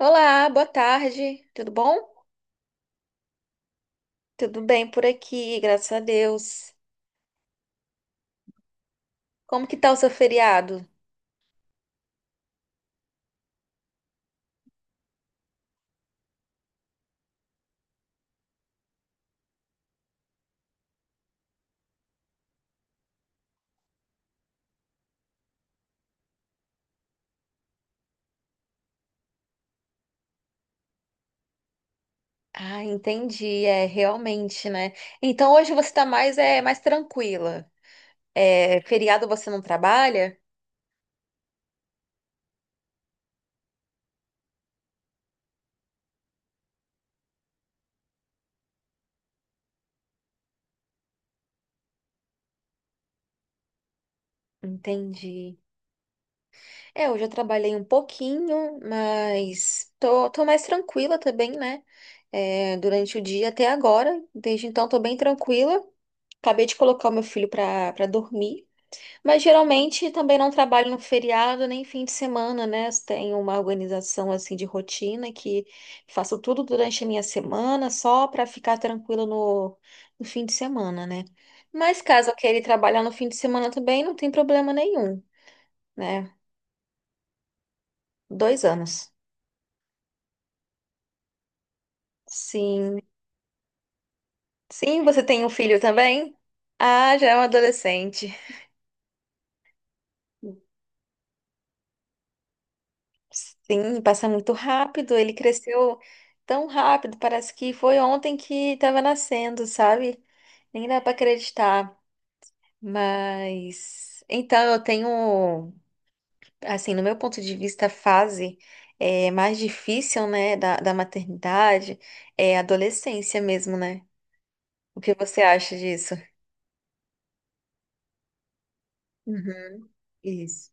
Olá, boa tarde. Tudo bom? Tudo bem por aqui, graças a Deus. Como que tá o seu feriado? Ah, entendi, é realmente, né? Então hoje você tá mais tranquila. É, feriado você não trabalha? Entendi. É, hoje eu trabalhei um pouquinho, mas tô mais tranquila também, né? É, durante o dia até agora. Desde então tô bem tranquila. Acabei de colocar o meu filho pra dormir. Mas geralmente também não trabalho no feriado nem fim de semana, né? Tenho uma organização assim de rotina que faço tudo durante a minha semana só para ficar tranquila no fim de semana, né? Mas caso eu queira ir trabalhar no fim de semana também, não tem problema nenhum, né? Dois anos. Sim. Sim, você tem um filho também? Ah, já é um adolescente. Sim, passa muito rápido. Ele cresceu tão rápido, parece que foi ontem que estava nascendo, sabe? Nem dá pra acreditar, mas então eu tenho, assim, no meu ponto de vista, a fase é mais difícil, né, da maternidade é a adolescência mesmo, né? O que você acha disso? Uhum, isso.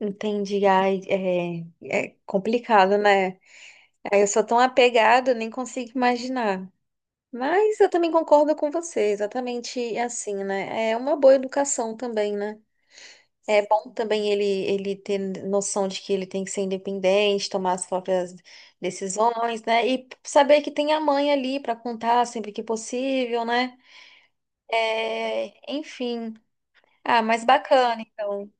Entendi, ai, é complicado, né? Ai, eu sou tão apegada, nem consigo imaginar. Mas eu também concordo com você, exatamente assim, né? É uma boa educação também, né? É bom também ele ter noção de que ele tem que ser independente, tomar as próprias decisões, né? E saber que tem a mãe ali para contar sempre que possível, né? É, enfim. Ah, mas bacana, então.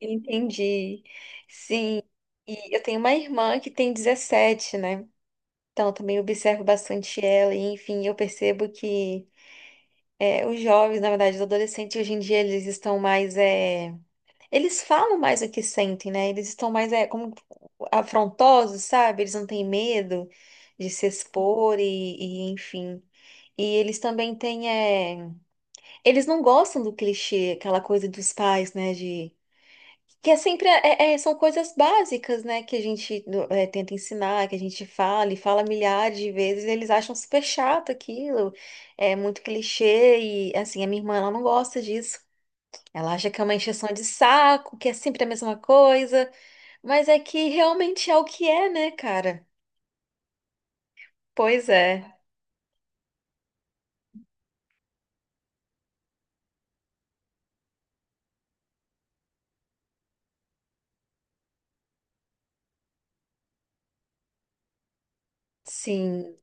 Entendi. Sim. E eu tenho uma irmã que tem 17, né? Então, eu também observo bastante ela, e enfim, eu percebo que os jovens, na verdade, os adolescentes hoje em dia, eles estão mais. É, eles falam mais o que sentem, né? Eles estão mais como afrontosos, sabe? Eles não têm medo de se expor enfim. E eles também têm. Eles não gostam do clichê, aquela coisa dos pais, né? De... Que é sempre. São coisas básicas, né? Que a gente tenta ensinar, que a gente fala e fala milhares de vezes. Eles acham super chato aquilo. É muito clichê. E, assim, a minha irmã, ela não gosta disso. Ela acha que é uma encheção de saco, que é sempre a mesma coisa, mas é que realmente é o que é, né, cara? Pois é. Sim.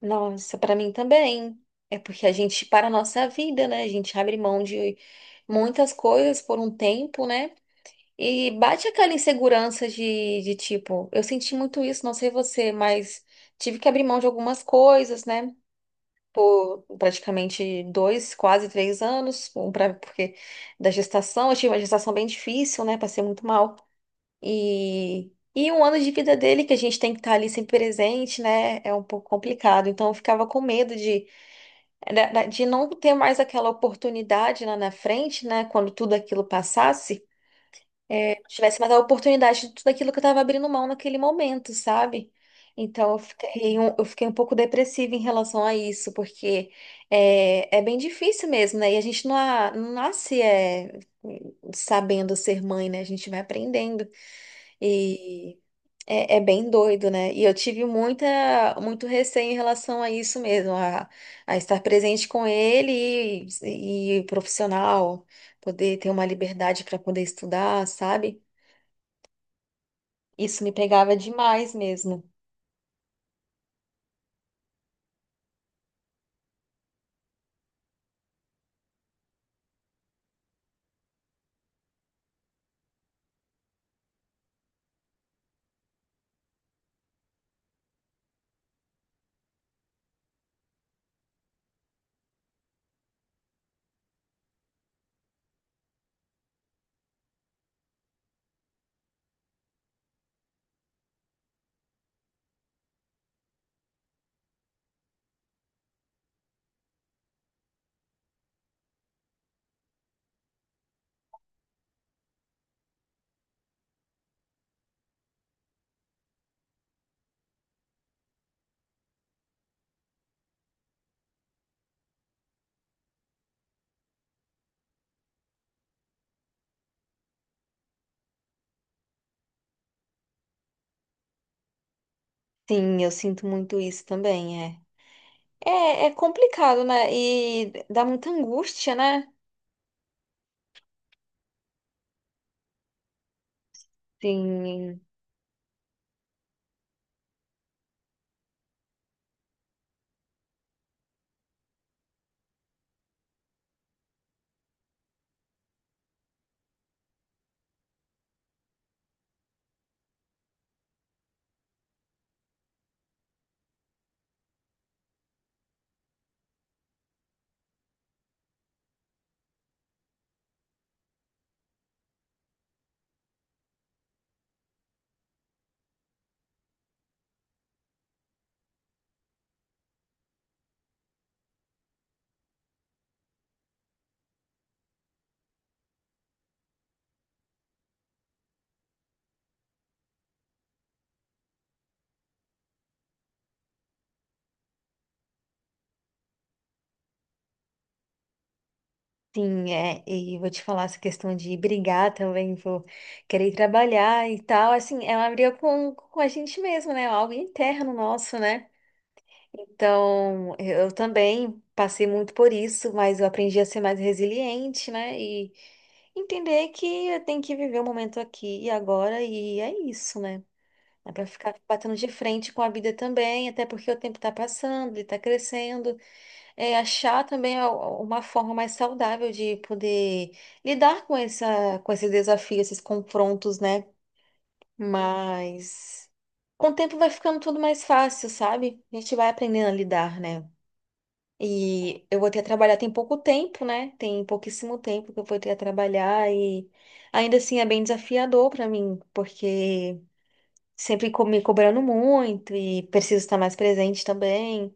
Nossa, pra mim também. É porque a gente para a nossa vida, né? A gente abre mão de muitas coisas por um tempo, né? E bate aquela insegurança de tipo, eu senti muito isso, não sei você, mas tive que abrir mão de algumas coisas, né? Por praticamente dois, quase três anos, porque da gestação, eu tive uma gestação bem difícil, né? Passei muito mal. E um ano de vida dele que a gente tem que estar ali sempre presente, né? É um pouco complicado. Então eu ficava com medo de não ter mais aquela oportunidade lá na frente, né? Quando tudo aquilo passasse tivesse mais a oportunidade de tudo aquilo que eu estava abrindo mão naquele momento, sabe? Então eu fiquei um pouco depressiva em relação a isso, porque é bem difícil mesmo, né? E a gente não nasce sabendo ser mãe, né? A gente vai aprendendo. E é bem doido, né? E eu tive muita, muito receio em relação a isso mesmo, a estar presente com ele e profissional, poder ter uma liberdade para poder estudar, sabe? Isso me pegava demais mesmo. Sim, eu sinto muito isso também, é. É complicado, né? E dá muita angústia, né? Sim, sim, é. E vou te falar essa questão de brigar também, vou querer trabalhar e tal. Assim, é uma briga com a gente mesmo, né? Algo interno nosso, né? Então, eu também passei muito por isso, mas eu aprendi a ser mais resiliente, né? E entender que eu tenho que viver o momento aqui e agora, e é isso, né? Dá para ficar batendo de frente com a vida também, até porque o tempo está passando, ele está crescendo. É, achar também uma forma mais saudável de poder lidar com essa, com esse desafio, esses confrontos, né? Mas com o tempo vai ficando tudo mais fácil, sabe? A gente vai aprendendo a lidar, né? E eu vou ter a trabalhar tem pouco tempo, né? Tem pouquíssimo tempo que eu vou ter a trabalhar e ainda assim é bem desafiador para mim, porque sempre me cobrando muito e preciso estar mais presente também.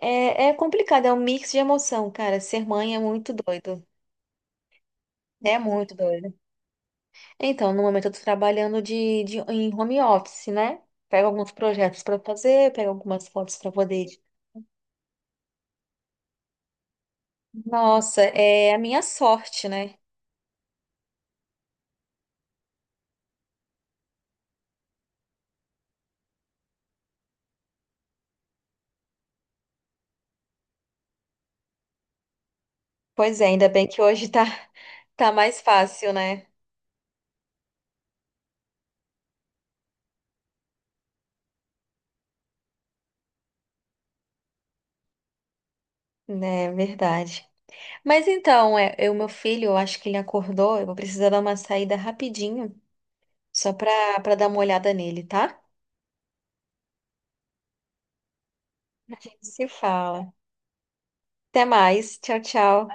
É complicado, é um mix de emoção, cara. Ser mãe é muito doido. É muito doido. Então, no momento eu tô trabalhando em home office, né? Pego alguns projetos pra fazer, pego algumas fotos pra poder. Nossa, é a minha sorte, né? Pois é, ainda bem que hoje tá mais fácil, né? É verdade. Mas então, o meu filho, eu acho que ele acordou, eu vou precisar dar uma saída rapidinho. Só para dar uma olhada nele, tá? A gente se fala. Até mais. Tchau, tchau.